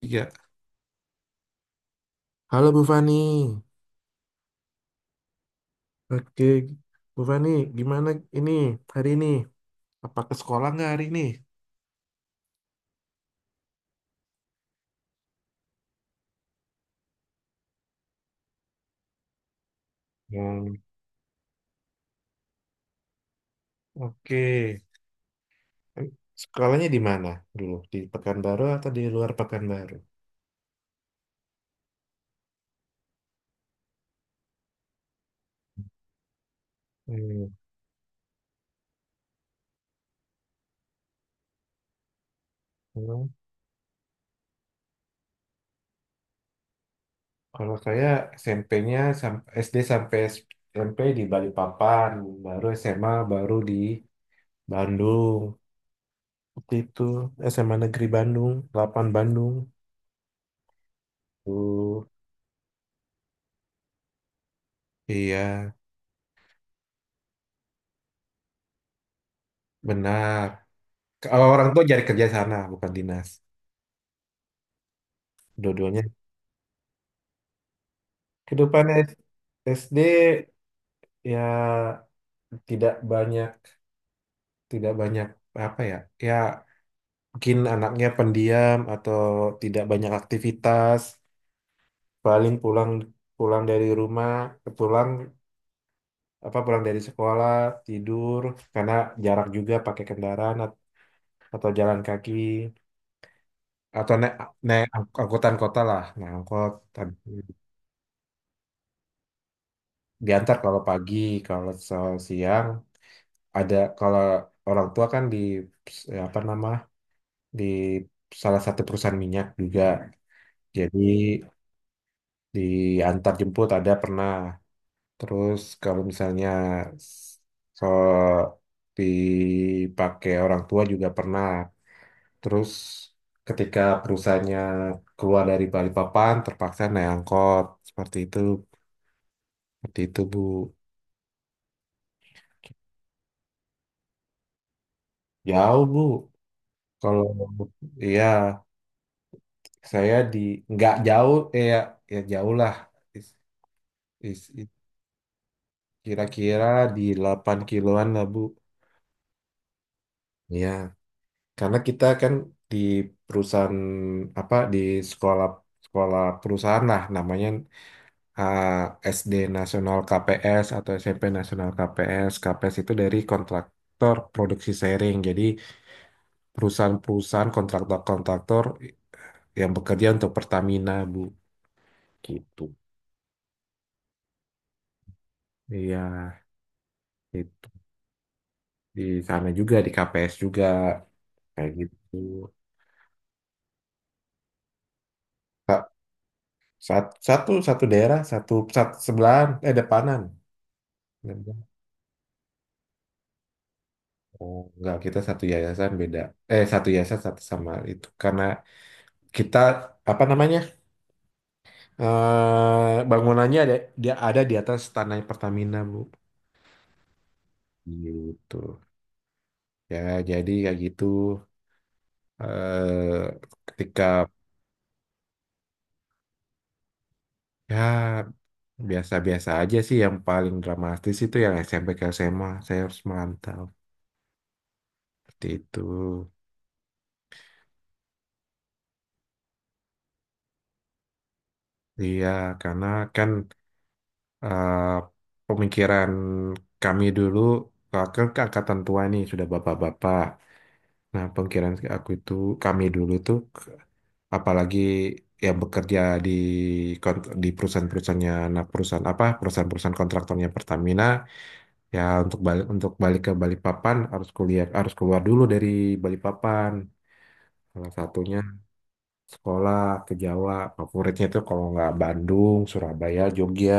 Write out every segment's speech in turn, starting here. Iya, halo Bu Fani. Oke, Bu Fani, gimana ini hari ini? Apa ke sekolah nggak hari ini? Hmm, oke. Sekolahnya di mana dulu? Di Pekanbaru atau di luar Pekanbaru? Hmm, hmm. Kalau saya SD sampai SMP di Balikpapan, baru SMA baru di Bandung. Seperti itu SMA Negeri Bandung, 8 Bandung. Tuh, iya, benar. Kalau orang tua cari kerja sana, bukan dinas. Dua-duanya. Kehidupan SD ya tidak banyak, tidak banyak apa ya? Ya mungkin anaknya pendiam atau tidak banyak aktivitas. Paling pulang pulang dari rumah, pulang apa pulang dari sekolah tidur karena jarak juga pakai kendaraan atau jalan kaki atau naik naik angkutan kota lah, naik angkot. Tapi diantar kalau pagi, kalau siang. Ada kalau orang tua kan di ya apa nama di salah satu perusahaan minyak juga, jadi diantar jemput ada pernah. Terus kalau misalnya s- so dipakai orang tua juga pernah. Terus ketika perusahaannya keluar dari Balikpapan terpaksa naik angkot, seperti itu, seperti itu Bu. Jauh Bu, kalau iya saya di nggak jauh eh, ya ya jauh lah. Is- is- is- Kira-kira di 8 kiloan lah Bu. Ya karena kita kan di perusahaan apa di sekolah sekolah perusahaan lah namanya. Ah, SD Nasional KPS atau SMP Nasional KPS, KPS itu dari kontraktor produksi sharing, jadi perusahaan-perusahaan kontraktor-kontraktor yang bekerja untuk Pertamina Bu, gitu. Iya, itu di sana juga di KPS juga kayak gitu. Sa- sat- satu satu daerah satu sebelahan eh, depanan. Oh, enggak, kita satu yayasan beda, eh satu yayasan satu sama itu, karena kita apa namanya eh bangunannya ada dia ada di atas tanah Pertamina Bu, gitu ya, jadi kayak gitu eh ketika. Ya, biasa-biasa aja sih yang paling dramatis itu yang SMP ke SMA saya harus merantau. Seperti itu. Iya, karena kan eh, pemikiran kami dulu, eh, ke angkatan tua nih sudah bapak-bapak. Nah, pemikiran aku itu, kami dulu tuh, apalagi yang bekerja di di perusahaan-perusahaannya, nah perusahaan apa, perusahaan-perusahaan kontraktornya Pertamina, ya untuk balik ke Balikpapan harus kuliah, harus keluar dulu dari Balikpapan. Salah satunya sekolah ke Jawa, favoritnya itu kalau nggak Bandung, Surabaya, Jogja.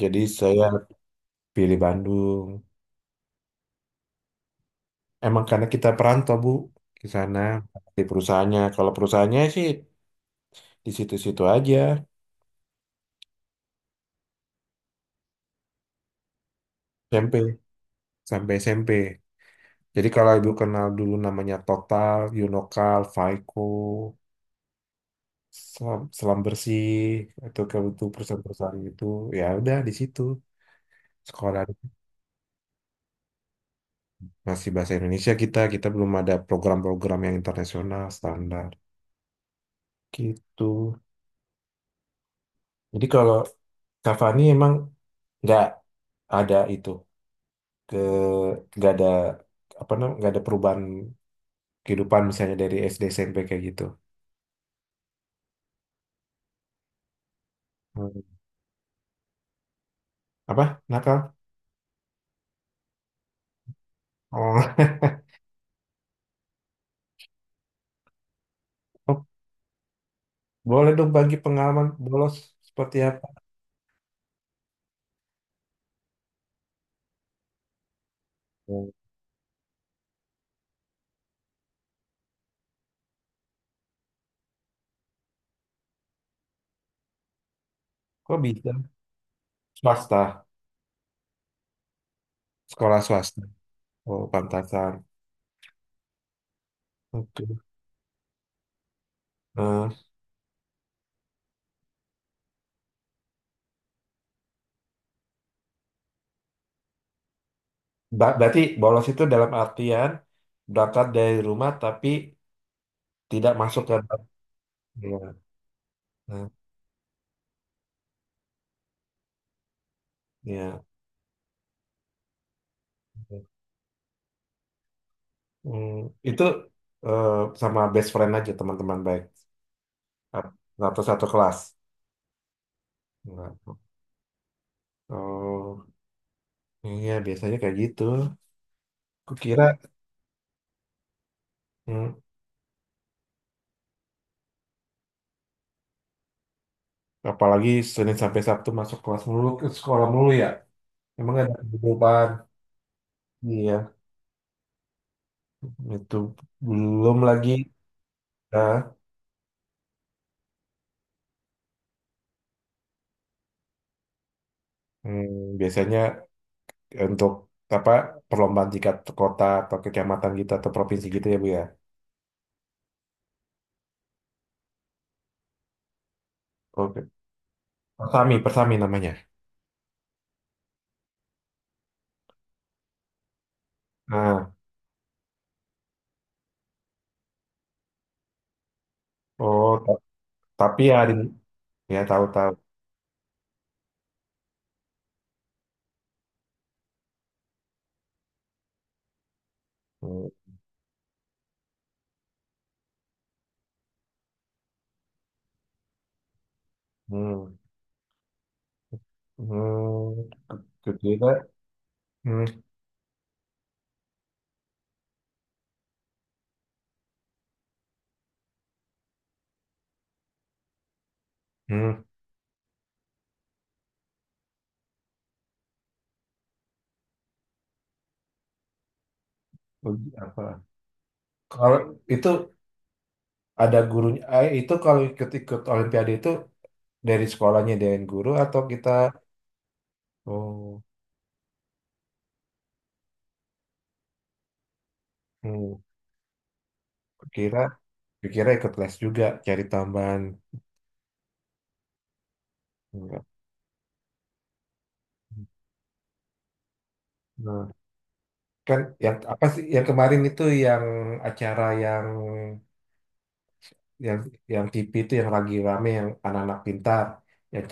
Jadi saya pilih Bandung. Emang karena kita perantau, Bu, ke sana di perusahaannya. Kalau perusahaannya sih di situ-situ aja, SMP sampai SMP. Jadi kalau Ibu kenal dulu namanya Total, Yunokal, Faiko, Selam, Selam Bersih, atau kalau itu perusahaan-perusahaan itu, ya udah di situ. Sekolah masih bahasa Indonesia kita, belum ada program-program yang internasional standar. Gitu. Jadi kalau Cavani emang nggak ada itu ke nggak ada apa namanya nggak ada perubahan kehidupan misalnya dari SD SMP kayak gitu. Hmm. Apa? Nakal? Oh. Oh, boleh dong bagi pengalaman bolos seperti apa? Oh, kok bisa? Swasta, sekolah swasta. Oh, pantasan. Oke. Eh, berarti bolos itu dalam artian berangkat dari rumah tapi tidak masuk ke dalam. Ya. Nah, ya. Hmm, itu eh, sama best friend aja teman-teman baik atau satu kelas. Enggak. Oh, iya biasanya kayak gitu. Kukira. hmm, Apalagi Senin sampai Sabtu masuk kelas mulu ke sekolah mulu ya. Emang ada kehidupan. Iya, itu belum lagi. Nah, biasanya untuk apa perlombaan tingkat kota atau kecamatan gitu atau provinsi gitu ya Bu ya. Oke. Persami, persami namanya. Nah, oh. Tapi ya, ya tahu-tahu. Hmm, hmm, hmm. Kira-kira, hmm, hmm, uji apa? Kalau itu ada gurunya, eh, itu kalau ikut-ikut Olimpiade itu dari sekolahnya dengan guru atau kita. Oh, hmm, kira, kira ikut les juga cari tambahan. Enggak. Nah, kan yang apa sih yang kemarin itu yang acara yang yang TV itu yang lagi rame yang anak-anak pintar yang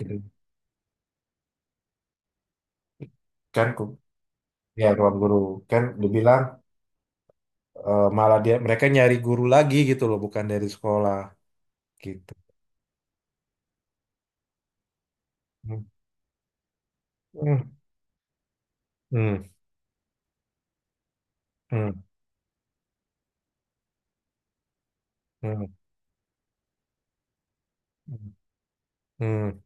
kan ya ruang guru kan dibilang eh, malah dia mereka nyari guru lagi gitu loh bukan dari sekolah gitu. Hmm hmm hmm hmm hmm hmm,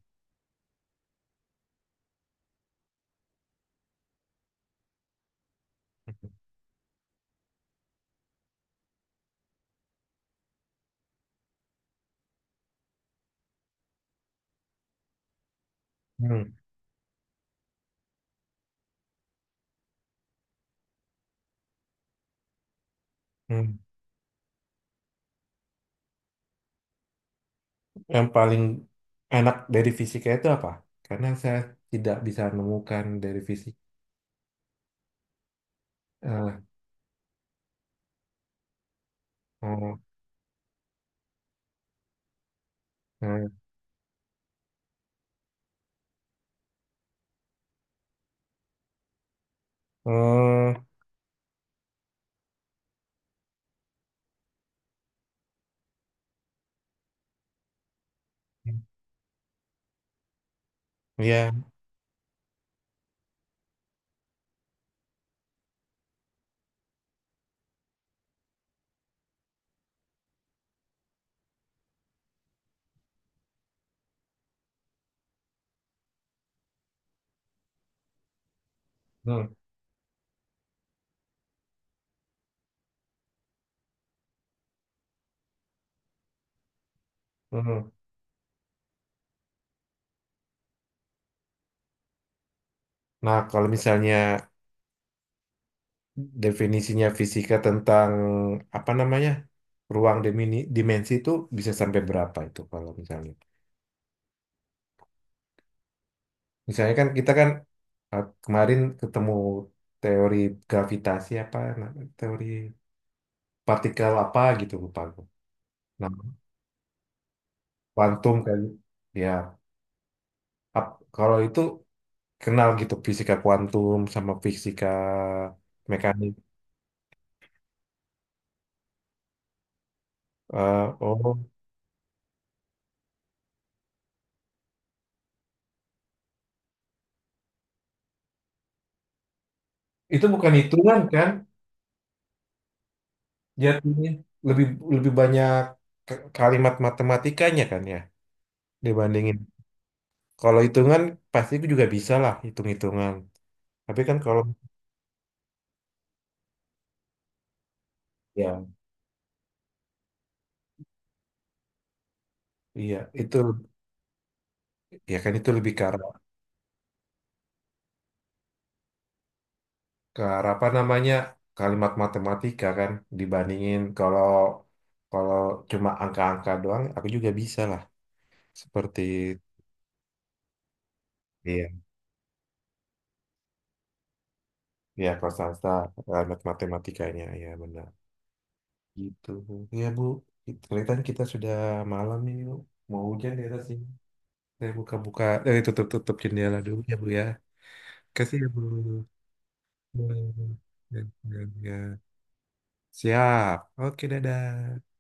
hmm. Hmm. Yang paling enak dari fisika itu apa karena saya tidak bisa menemukan dari fisik eh oh, eh, eh, ya hmm, hmm. Nah kalau misalnya definisinya fisika tentang apa namanya ruang dimini, dimensi itu bisa sampai berapa itu kalau misalnya misalnya kan kita kan eh, kemarin ketemu teori gravitasi apa teori partikel apa gitu lupa aku. Nah kuantum kan ya kalau itu kenal gitu fisika kuantum sama fisika mekanik. Eh, oh, itu bukan hitungan kan? Jatuhnya lebih lebih banyak kalimat matematikanya kan ya, dibandingin. Kalau hitungan pasti gue juga bisa lah hitung-hitungan. Tapi kan kalau ya iya itu ya kan itu lebih ke arah, apa namanya kalimat matematika kan dibandingin kalau kalau cuma angka-angka doang aku juga bisa lah seperti iya iya kalau salsa kalimat matematikanya ya benar. Gitu, Bu. Iya, Bu. Kelihatan kita sudah malam nih, Bu. Mau hujan di atas sini. Saya buka-buka, eh, tutup-tutup jendela dulu ya, Bu, ya. Kasih ya, Bu. Ya, ya, ya. Siap. Oke, dadah.